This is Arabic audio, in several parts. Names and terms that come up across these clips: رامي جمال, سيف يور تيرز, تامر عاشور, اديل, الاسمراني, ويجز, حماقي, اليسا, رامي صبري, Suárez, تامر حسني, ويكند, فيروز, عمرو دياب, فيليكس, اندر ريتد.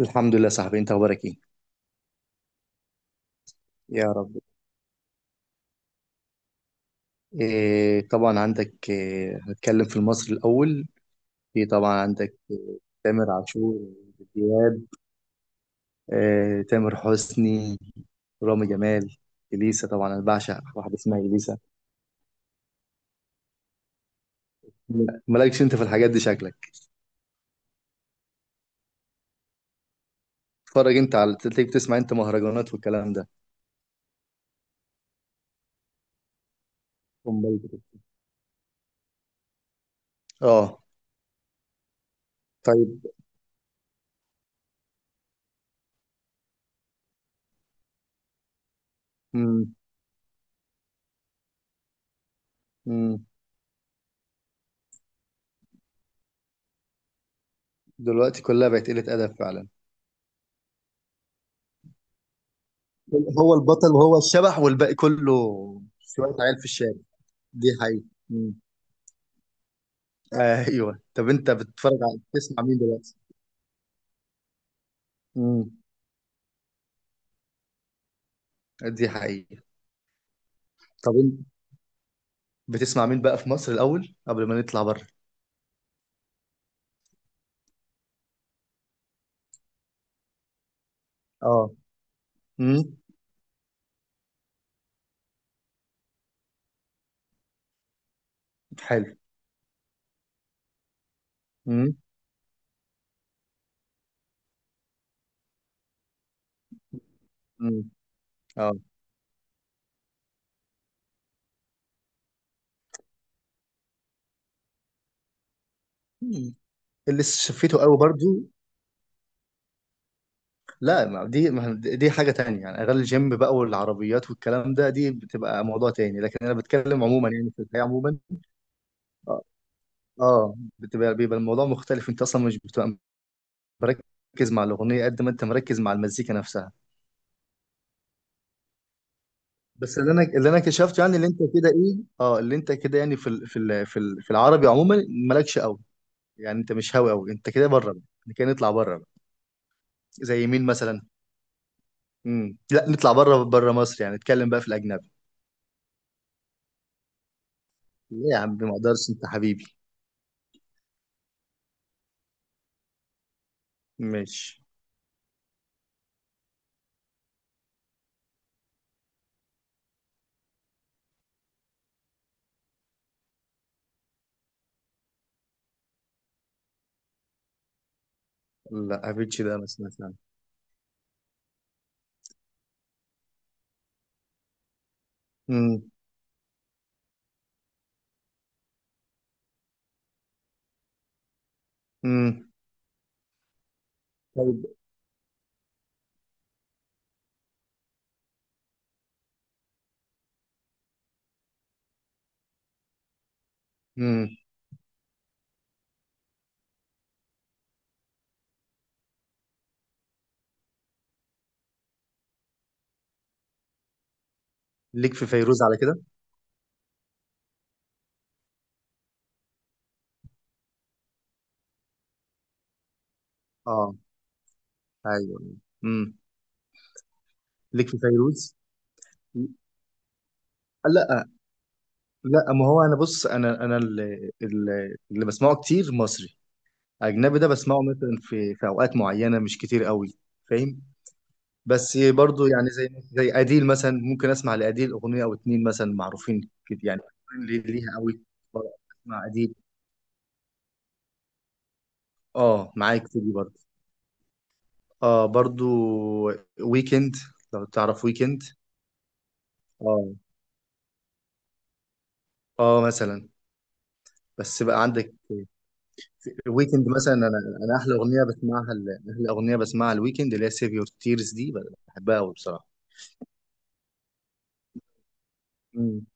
الحمد لله، صاحبي. انت اخبارك ايه؟ يا رب. إيه طبعا، عندك إيه؟ هتكلم في المصري الاول. في طبعا عندك إيه. تامر عاشور، عمرو دياب، إيه تامر حسني، رامي جمال، اليسا. طبعا انا بعشق واحده اسمها اليسا. مالكش انت في الحاجات دي شكلك. تتفرج انت على، تلاقيك بتسمع انت مهرجانات والكلام ده؟ امال بتت- اه، طيب. مم. مم. دلوقتي كلها بقت قلة ادب فعلا. هو البطل وهو الشبح والباقي كله شويه عيال في الشارع. دي حقيقة. ايوه، طب انت بتتفرج على بتسمع مين دلوقتي؟ امم. دي حقيقة. طب انت بتسمع مين بقى في مصر الاول قبل ما نطلع بره؟ اه. امم. حلو. امم. امم. اه. مم. اللي شفيته قوي برضو. لا، ما دي حاجة تانية يعني. اغاني الجيم بقى والعربيات والكلام ده دي بتبقى موضوع تاني، لكن انا بتكلم عموما يعني، في الحياة عموما. اه. بيبقى الموضوع مختلف. انت اصلا مش بتبقى مركز مع الأغنية قد ما انت مركز مع المزيكا نفسها. بس اللي انا كشفته يعني، اللي انت كده يعني، في العربي عموما، مالكش قوي. يعني انت مش هاوي قوي، انت كده بره بقى. احنا كده نطلع بره بقى. زي مين مثلا؟ امم. لا، نطلع بره، بره مصر يعني. نتكلم بقى في الاجنبي. ليه يا عم؟ ما اقدرش، انت حبيبي. ماشي. لا، افيتش ده مثلا فعلا. امم. امم. طيب. امم. ليك في فيروز على كده؟ اه. ايوه. امم. ليك في فيروز؟ لا لا، ما هو انا بص، انا اللي بسمعه كتير مصري. اجنبي ده بسمعه مثلا في اوقات معينه، مش كتير قوي، فاهم؟ بس برضو يعني، زي اديل مثلا، ممكن اسمع لاديل اغنيه او اتنين مثلا، معروفين كده يعني. اللي ليها قوي. اسمع اديل. اه، معاك في دي برضو. اه برضو. ويكند، لو تعرف ويكند. اه. اه مثلا. بس بقى عندك. ويكند مثلا. انا احلى اغنيه بسمعها احلى اغنيه بسمعها الويكند اللي هي سيف يور تيرز دي. بحبها قوي بصراحه. امم.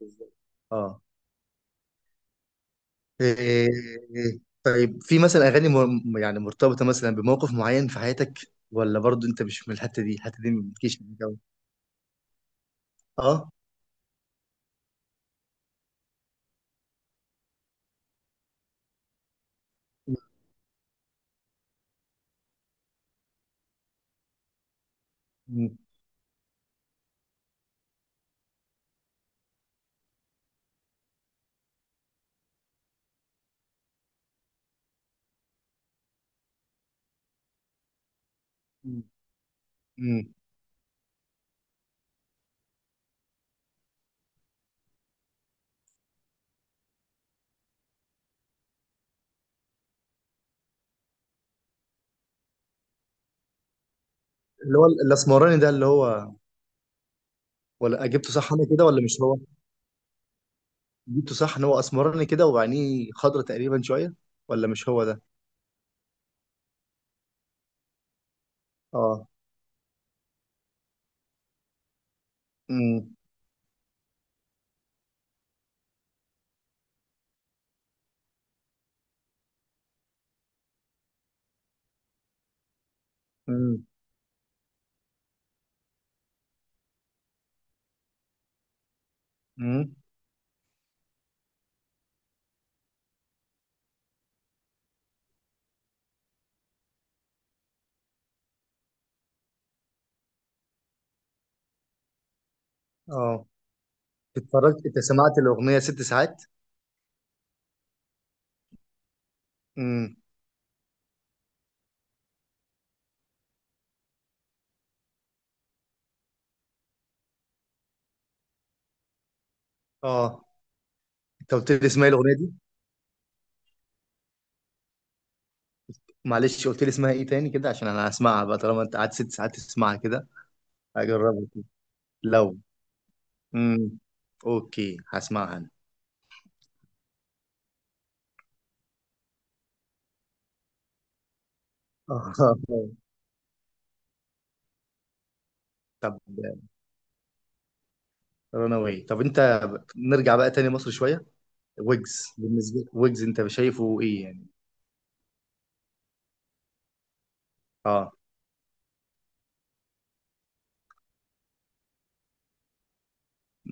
بالظبط. اه. إيه، طيب، في مثلا اغاني يعني مرتبطه مثلا بموقف معين في حياتك؟ ولا برضو انت مش من الحته دي؟ الحته دي ما بتجيش معاك أوي؟ اه. م. م. م. اللي هو الاسمراني ده اللي هو. ولا جبته صح انا كده، ولا مش هو؟ جبته صح ان هو اسمراني كده، وعينيه خضرة تقريبا شويه. ولا مش هو ده؟ اه. م. م. م. اه، اتفرجت انت، سمعت الاغنيه 6 ساعات؟ م. اه، انت قلت لي اسمها إيه الاغنيه دي؟ معلش، قلت لي اسمها ايه تاني كده، عشان انا هسمعها بقى، طالما انت قعدت 6 ساعات تسمعها كده. هجربها. لو. امم. اوكي، هسمعها انا. طب، رناوي؟ طب انت، نرجع بقى تاني مصر شويه. ويجز بالنسبه لك، ويجز انت شايفه ايه يعني؟ اه.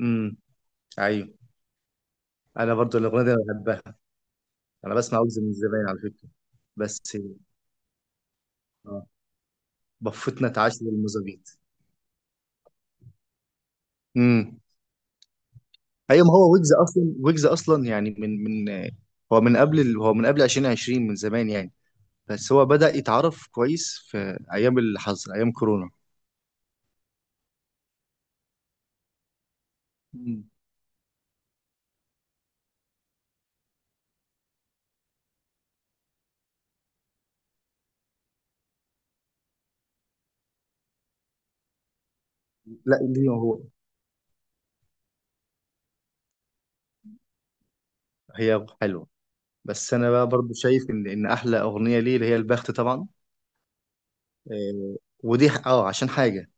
امم. ايوه. انا برضو الاغنيه دي انا بحبها. انا بسمع ويجز من زمان على فكره. بس. اه. بفتنا اتعاش للمزابيط. امم. ايوه، ما هو ويجز اصلا، ويجز اصلا يعني، من هو من قبل 2020، من زمان يعني. بس هو بدأ يتعرف كويس في أيام الحظر، أيام كورونا. مم. لا ليه هو، هي حلوة، بس أنا بقى برضو شايف إن أحلى أغنية ليه اللي هي البخت طبعا. آه، ودي ح- أه عشان حاجة.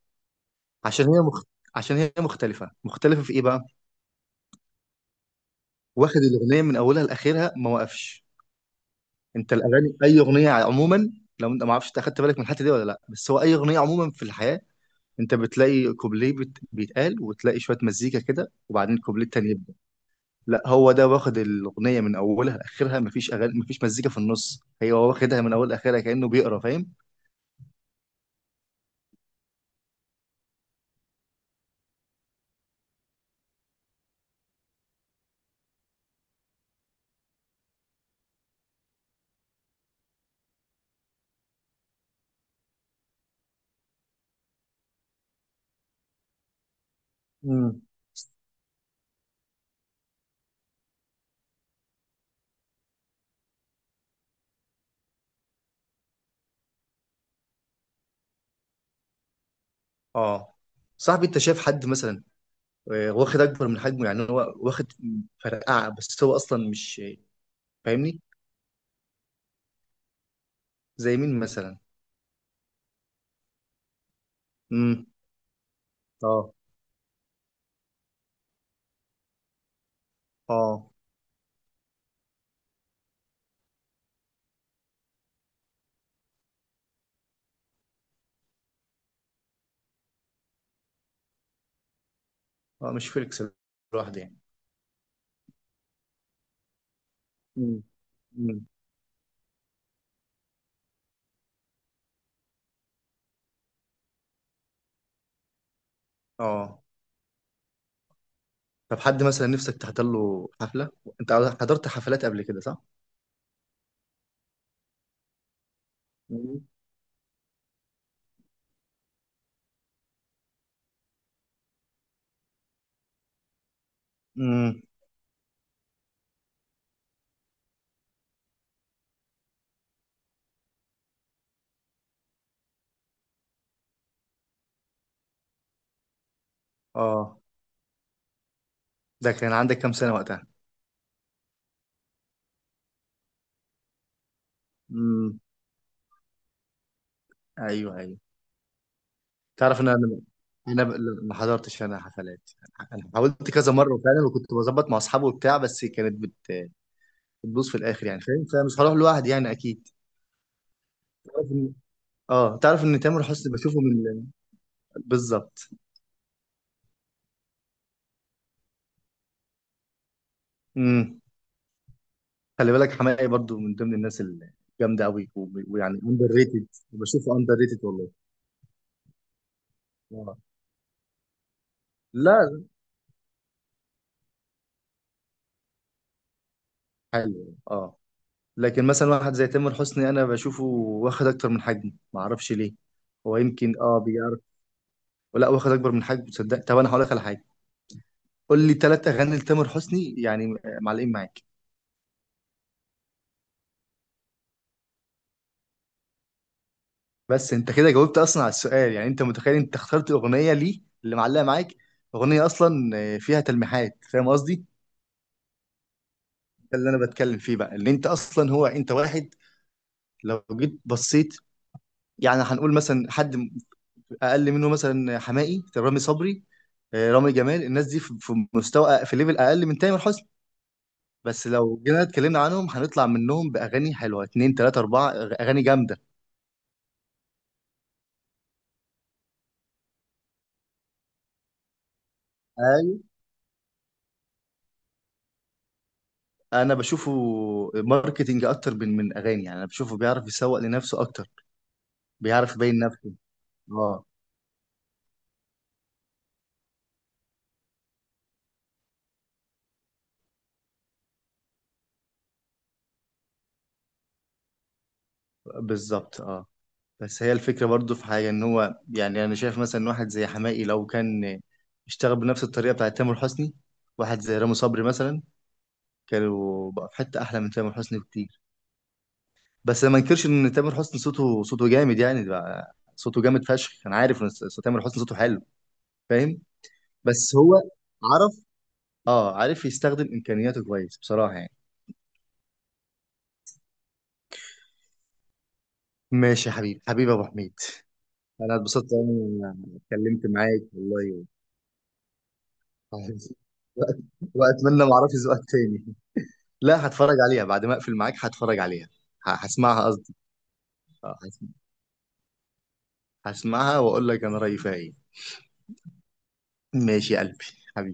عشان هي مخت... عشان هي مختلفة، مختلفة في إيه بقى؟ واخد الأغنية من أولها لآخرها، ما وقفش. أنت الأغاني، أي أغنية عموما، لو أنت، ما أعرفش أنت أخدت بالك من الحتة دي ولا لأ، بس هو أي أغنية عموما في الحياة، أنت بتلاقي كوبليه بيتقال، وتلاقي شوية مزيكا كده، وبعدين كوبليه تاني. لا، هو ده واخد الاغنيه من اولها لاخرها، مفيش اغاني، مفيش مزيكا في النص. هو واخدها من اول لاخرها كانه بيقرا، فاهم. امم. اه. صاحبي انت شايف حد مثلا، واخد اكبر من حجمه؟ يعني هو واخد فرقعه، بس هو اصلا مش، فاهمني؟ زي مين مثلا؟ امم. اه. اه. اه، مش فيليكس لوحده يعني. امم. امم. اه. طب، حد مثلا نفسك تحضر له حفله؟ انت حضرت حفلات قبل كده صح؟ امم. امم. اه. ده كان عندك كام سنه وقتها؟ امم. ايوه ايوه. تعرف ان انا ب- ما حضرتش انا حفلات. انا حاولت كذا مره وفعلا، وكنت بظبط مع اصحابي وبتاع، بس كانت بتبوظ في الاخر يعني، فاهم. فمش هروح لوحدي يعني اكيد. تعرف ان اه تعرف ان تامر حسني بشوفه من. بالظبط. امم. خلي بالك حماقي برضو من ضمن الناس الجامده قوي، ويعني اندر ريتد، بشوفه اندر ريتد والله. آه. لا، حلو اه، لكن مثلا واحد زي تامر حسني انا بشوفه واخد اكتر من حجمه، ما اعرفش ليه، هو يمكن اه، ولا واخد اكبر من حجمه؟ تصدق، طب انا هقول لك على حاجه. قول لي ثلاث اغاني لتامر حسني يعني معلقين معاك. بس انت كده جاوبت اصلا على السؤال يعني، انت متخيل انت اخترت اغنيه ليه اللي معلقه معاك، اغنيه اصلا فيها تلميحات، فاهم قصدي؟ ده اللي انا بتكلم فيه بقى، اللي انت اصلا هو انت واحد لو جيت بصيت، يعني هنقول مثلا حد اقل منه، مثلا حماقي، رامي صبري، رامي جمال. الناس دي في مستوى، في ليفل اقل من تامر حسني. بس لو جينا اتكلمنا عنهم، هنطلع منهم باغاني حلوه، اتنين تلاته اربعه اغاني جامده. ايوه. انا بشوفه ماركتينج اكتر من اغاني يعني، انا بشوفه بيعرف يسوق لنفسه اكتر. بيعرف يبين نفسه. اه. بالظبط اه. بس هي الفكره برضو، في حاجه ان هو يعني، انا شايف مثلا واحد زي حماقي لو كان اشتغل بنفس الطريقه بتاعت تامر حسني، واحد زي رامي صبري مثلا، كانوا بقى في حته احلى من تامر حسني بكتير. بس أنا ما انكرش ان تامر حسني صوته، صوته جامد يعني بقى، صوته جامد فشخ، انا عارف ان تامر حسني صوته حلو، فاهم. بس هو عرف، اه عارف يستخدم امكانياته كويس بصراحه يعني. ماشي يا حبيبي، حبيبي يا ابو حميد. انا اتبسطت أوي اني اتكلمت معاك والله. و- واتمنى ما اعرفش ذوقك تاني. لا، هتفرج عليها بعد ما اقفل معاك، هتفرج عليها. هسمعها قصدي. آه، هسم- هسمعها واقول لك انا رايي فيها ايه. ماشي يا قلبي. حبيبي.